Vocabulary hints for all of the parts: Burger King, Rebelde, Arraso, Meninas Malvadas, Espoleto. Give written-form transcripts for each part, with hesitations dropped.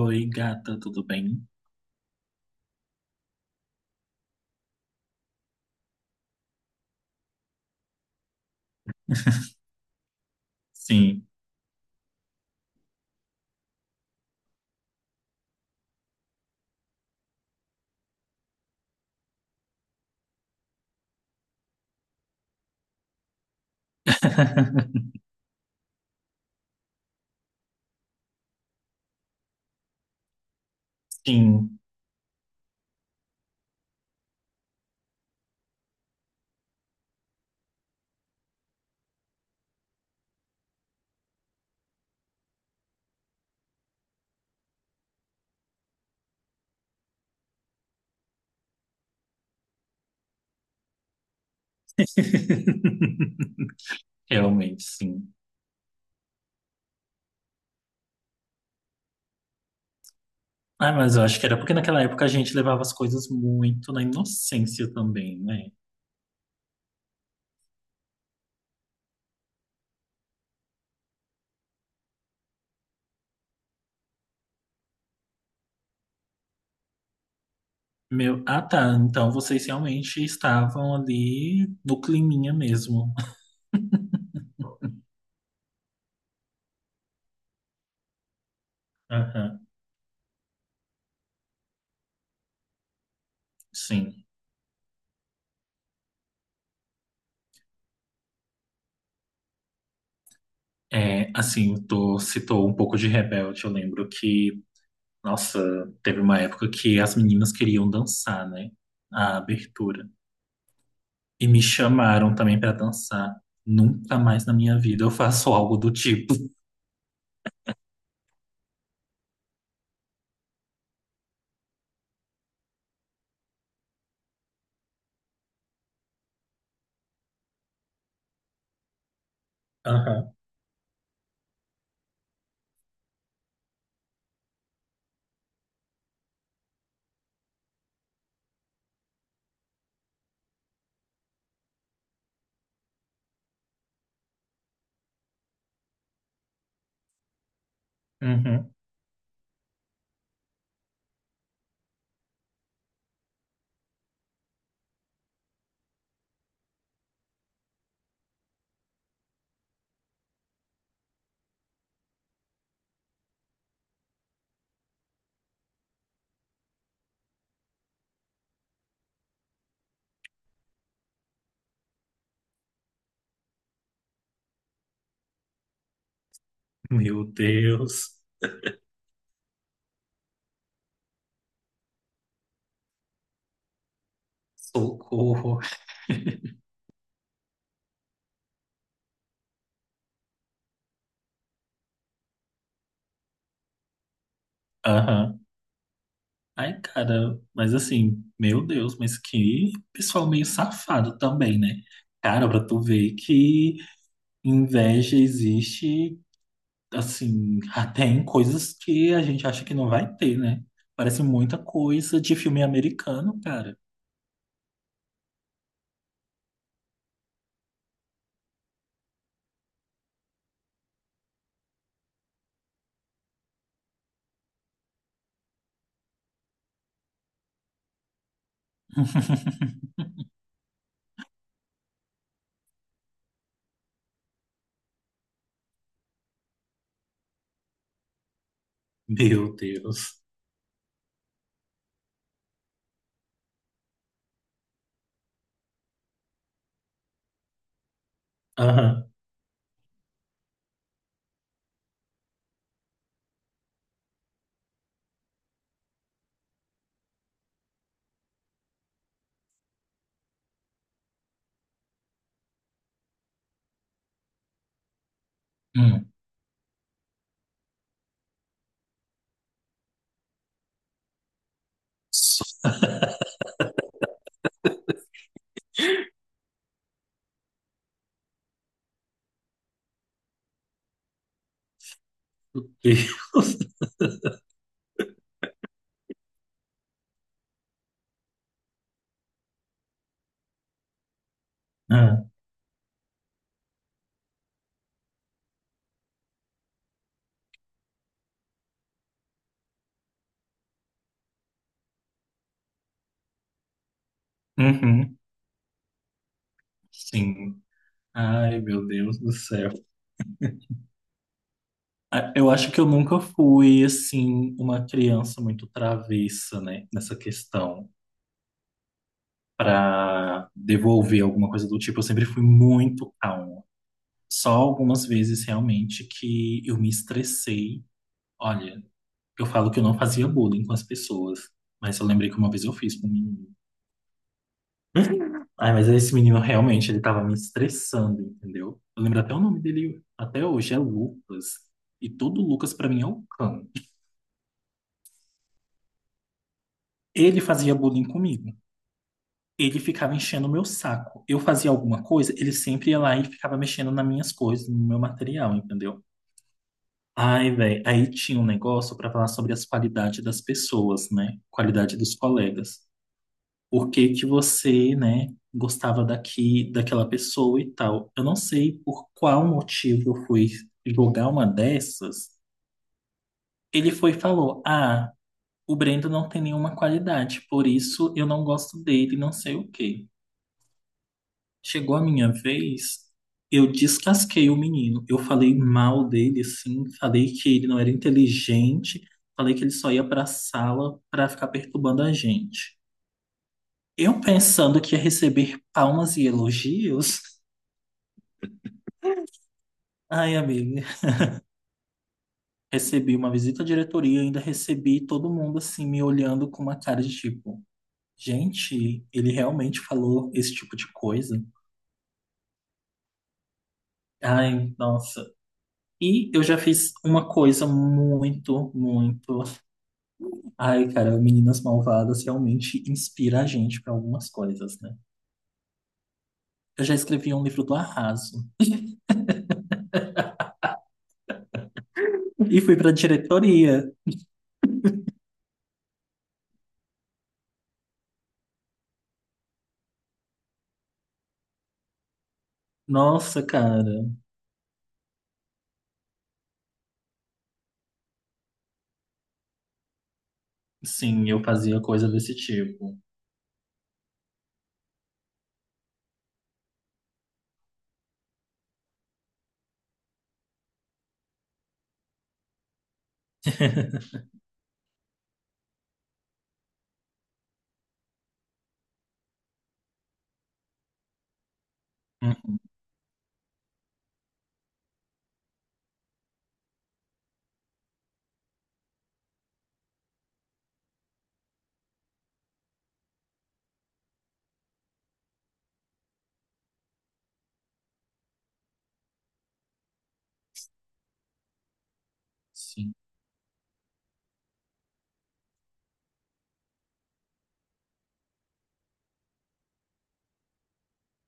Oi, gata, tudo bem? Sim. Sim. Realmente, sim. Ah, mas eu acho que era porque naquela época a gente levava as coisas muito na inocência também, né? Meu, ah, tá. Então vocês realmente estavam ali no climinha mesmo. Aham, sim. É, assim, tu citou um pouco de Rebelde. Eu lembro que, nossa, teve uma época que as meninas queriam dançar, né? A abertura. E me chamaram também pra dançar. Nunca mais na minha vida eu faço algo do tipo. Aham. Uhum. Meu Deus. Socorro. Aham. Ai, cara, mas assim, meu Deus, mas que pessoal meio safado também, né? Cara, pra tu ver que inveja existe, assim, até em coisas que a gente acha que não vai ter, né? Parece muita coisa de filme americano, cara. Meu Deus. Aham. Hum. Meu Deus. É. Uhum, sim. Ai, meu Deus do céu. Ah, eu acho que eu nunca fui, assim, uma criança muito travessa, né, nessa questão, para devolver alguma coisa do tipo. Eu sempre fui muito calma. Só algumas vezes, realmente, que eu me estressei. Olha, eu falo que eu não fazia bullying com as pessoas, mas eu lembrei que uma vez eu fiz com um menino. Ai, mas esse menino realmente, ele tava me estressando, entendeu? Eu lembro até o nome dele até hoje, é Lucas. E todo Lucas pra mim é o cão. Ele fazia bullying comigo. Ele ficava enchendo o meu saco. Eu fazia alguma coisa, ele sempre ia lá e ficava mexendo nas minhas coisas, no meu material, entendeu? Ai, velho, aí tinha um negócio pra falar sobre as qualidades das pessoas, né? Qualidade dos colegas. Por que que você, né, gostava daqui, daquela pessoa e tal. Eu não sei por qual motivo eu fui jogar uma dessas. Ele foi e falou: ah, o Brendo não tem nenhuma qualidade, por isso eu não gosto dele, não sei o quê. Chegou a minha vez, eu descasquei o menino. Eu falei mal dele, assim, falei que ele não era inteligente, falei que ele só ia pra sala pra ficar perturbando a gente. Eu pensando que ia receber palmas e elogios. Ai, amiga, recebi uma visita à diretoria, ainda recebi todo mundo assim me olhando com uma cara de tipo, gente, ele realmente falou esse tipo de coisa? Ai, nossa. E eu já fiz uma coisa muito, muito. Ai, cara, Meninas Malvadas realmente inspira a gente para algumas coisas, né? Eu já escrevi um livro do Arraso e fui para diretoria. Nossa, cara. Sim, eu fazia coisa desse tipo. Uhum, sim.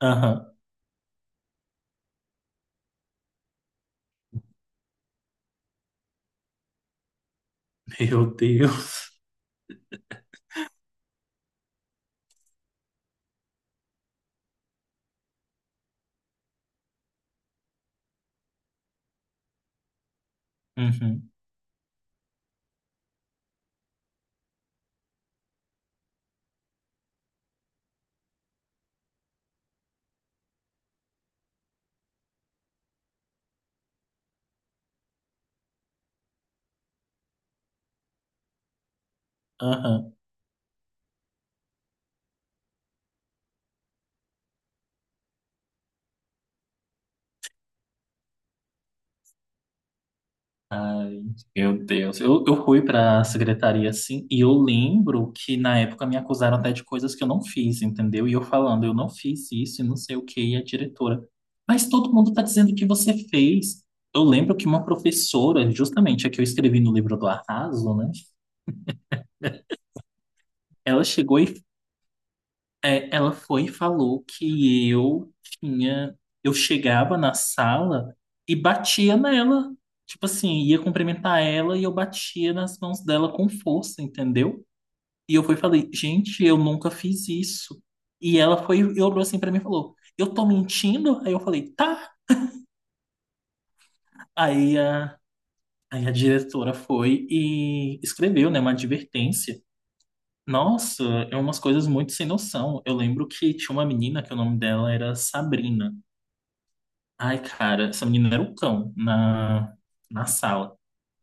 Aham. Meu Deus. Uhum, aham. Ai, meu Deus. Eu fui pra secretaria, assim, e eu lembro que na época me acusaram até de coisas que eu não fiz, entendeu? E eu falando, eu não fiz isso e não sei o que, e a diretora. Mas todo mundo tá dizendo que você fez. Eu lembro que uma professora, justamente a que eu escrevi no livro do Arraso, né? Ela chegou e é, ela foi e falou que eu tinha. Eu chegava na sala e batia nela. Tipo assim, ia cumprimentar ela e eu batia nas mãos dela com força, entendeu? E eu fui e falei, gente, eu nunca fiz isso. E ela foi e olhou assim pra mim e falou, eu tô mentindo? Aí eu falei, tá. Aí a, aí a diretora foi e escreveu, né, uma advertência. Nossa, é umas coisas muito sem noção. Eu lembro que tinha uma menina que o nome dela era Sabrina. Ai, cara, essa menina era o cão na sala.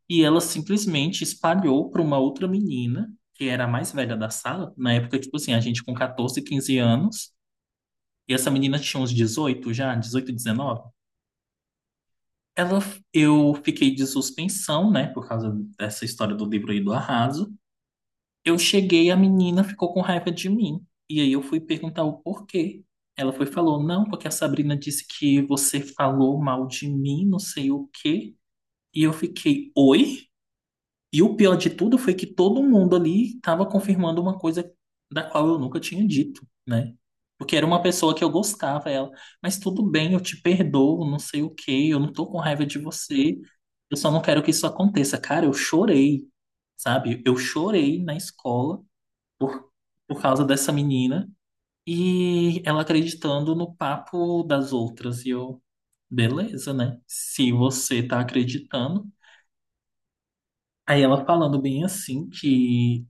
E ela simplesmente espalhou para uma outra menina, que era a mais velha da sala, na época, tipo assim, a gente com 14, 15 anos, e essa menina tinha uns 18 já, 18, 19. Ela, eu fiquei de suspensão, né, por causa dessa história do livro aí do Arraso. Eu cheguei, a menina ficou com raiva de mim. E aí eu fui perguntar o porquê. Ela foi e falou, não, porque a Sabrina disse que você falou mal de mim, não sei o quê. E eu fiquei, oi? E o pior de tudo foi que todo mundo ali estava confirmando uma coisa da qual eu nunca tinha dito, né? Porque era uma pessoa que eu gostava, ela, mas tudo bem, eu te perdoo, não sei o quê, eu não tô com raiva de você, eu só não quero que isso aconteça. Cara, eu chorei, sabe? Eu chorei na escola por, por causa dessa menina e ela acreditando no papo das outras. E eu, beleza, né? Se você tá acreditando. Aí ela falando bem assim que,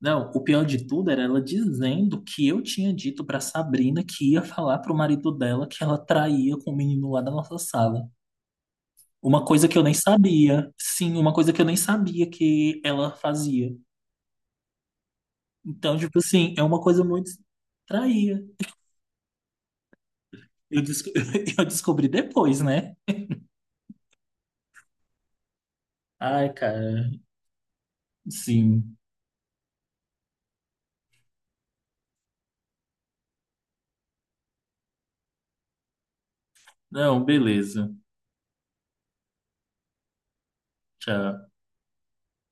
não, o pior de tudo era ela dizendo que eu tinha dito pra Sabrina que ia falar pro marido dela que ela traía com o menino lá da nossa sala. Uma coisa que eu nem sabia. Sim, uma coisa que eu nem sabia que ela fazia. Então, tipo assim, é uma coisa muito traía. Eu, desco- eu descobri depois, né? Ai, cara. Sim. Não, beleza. Tchau.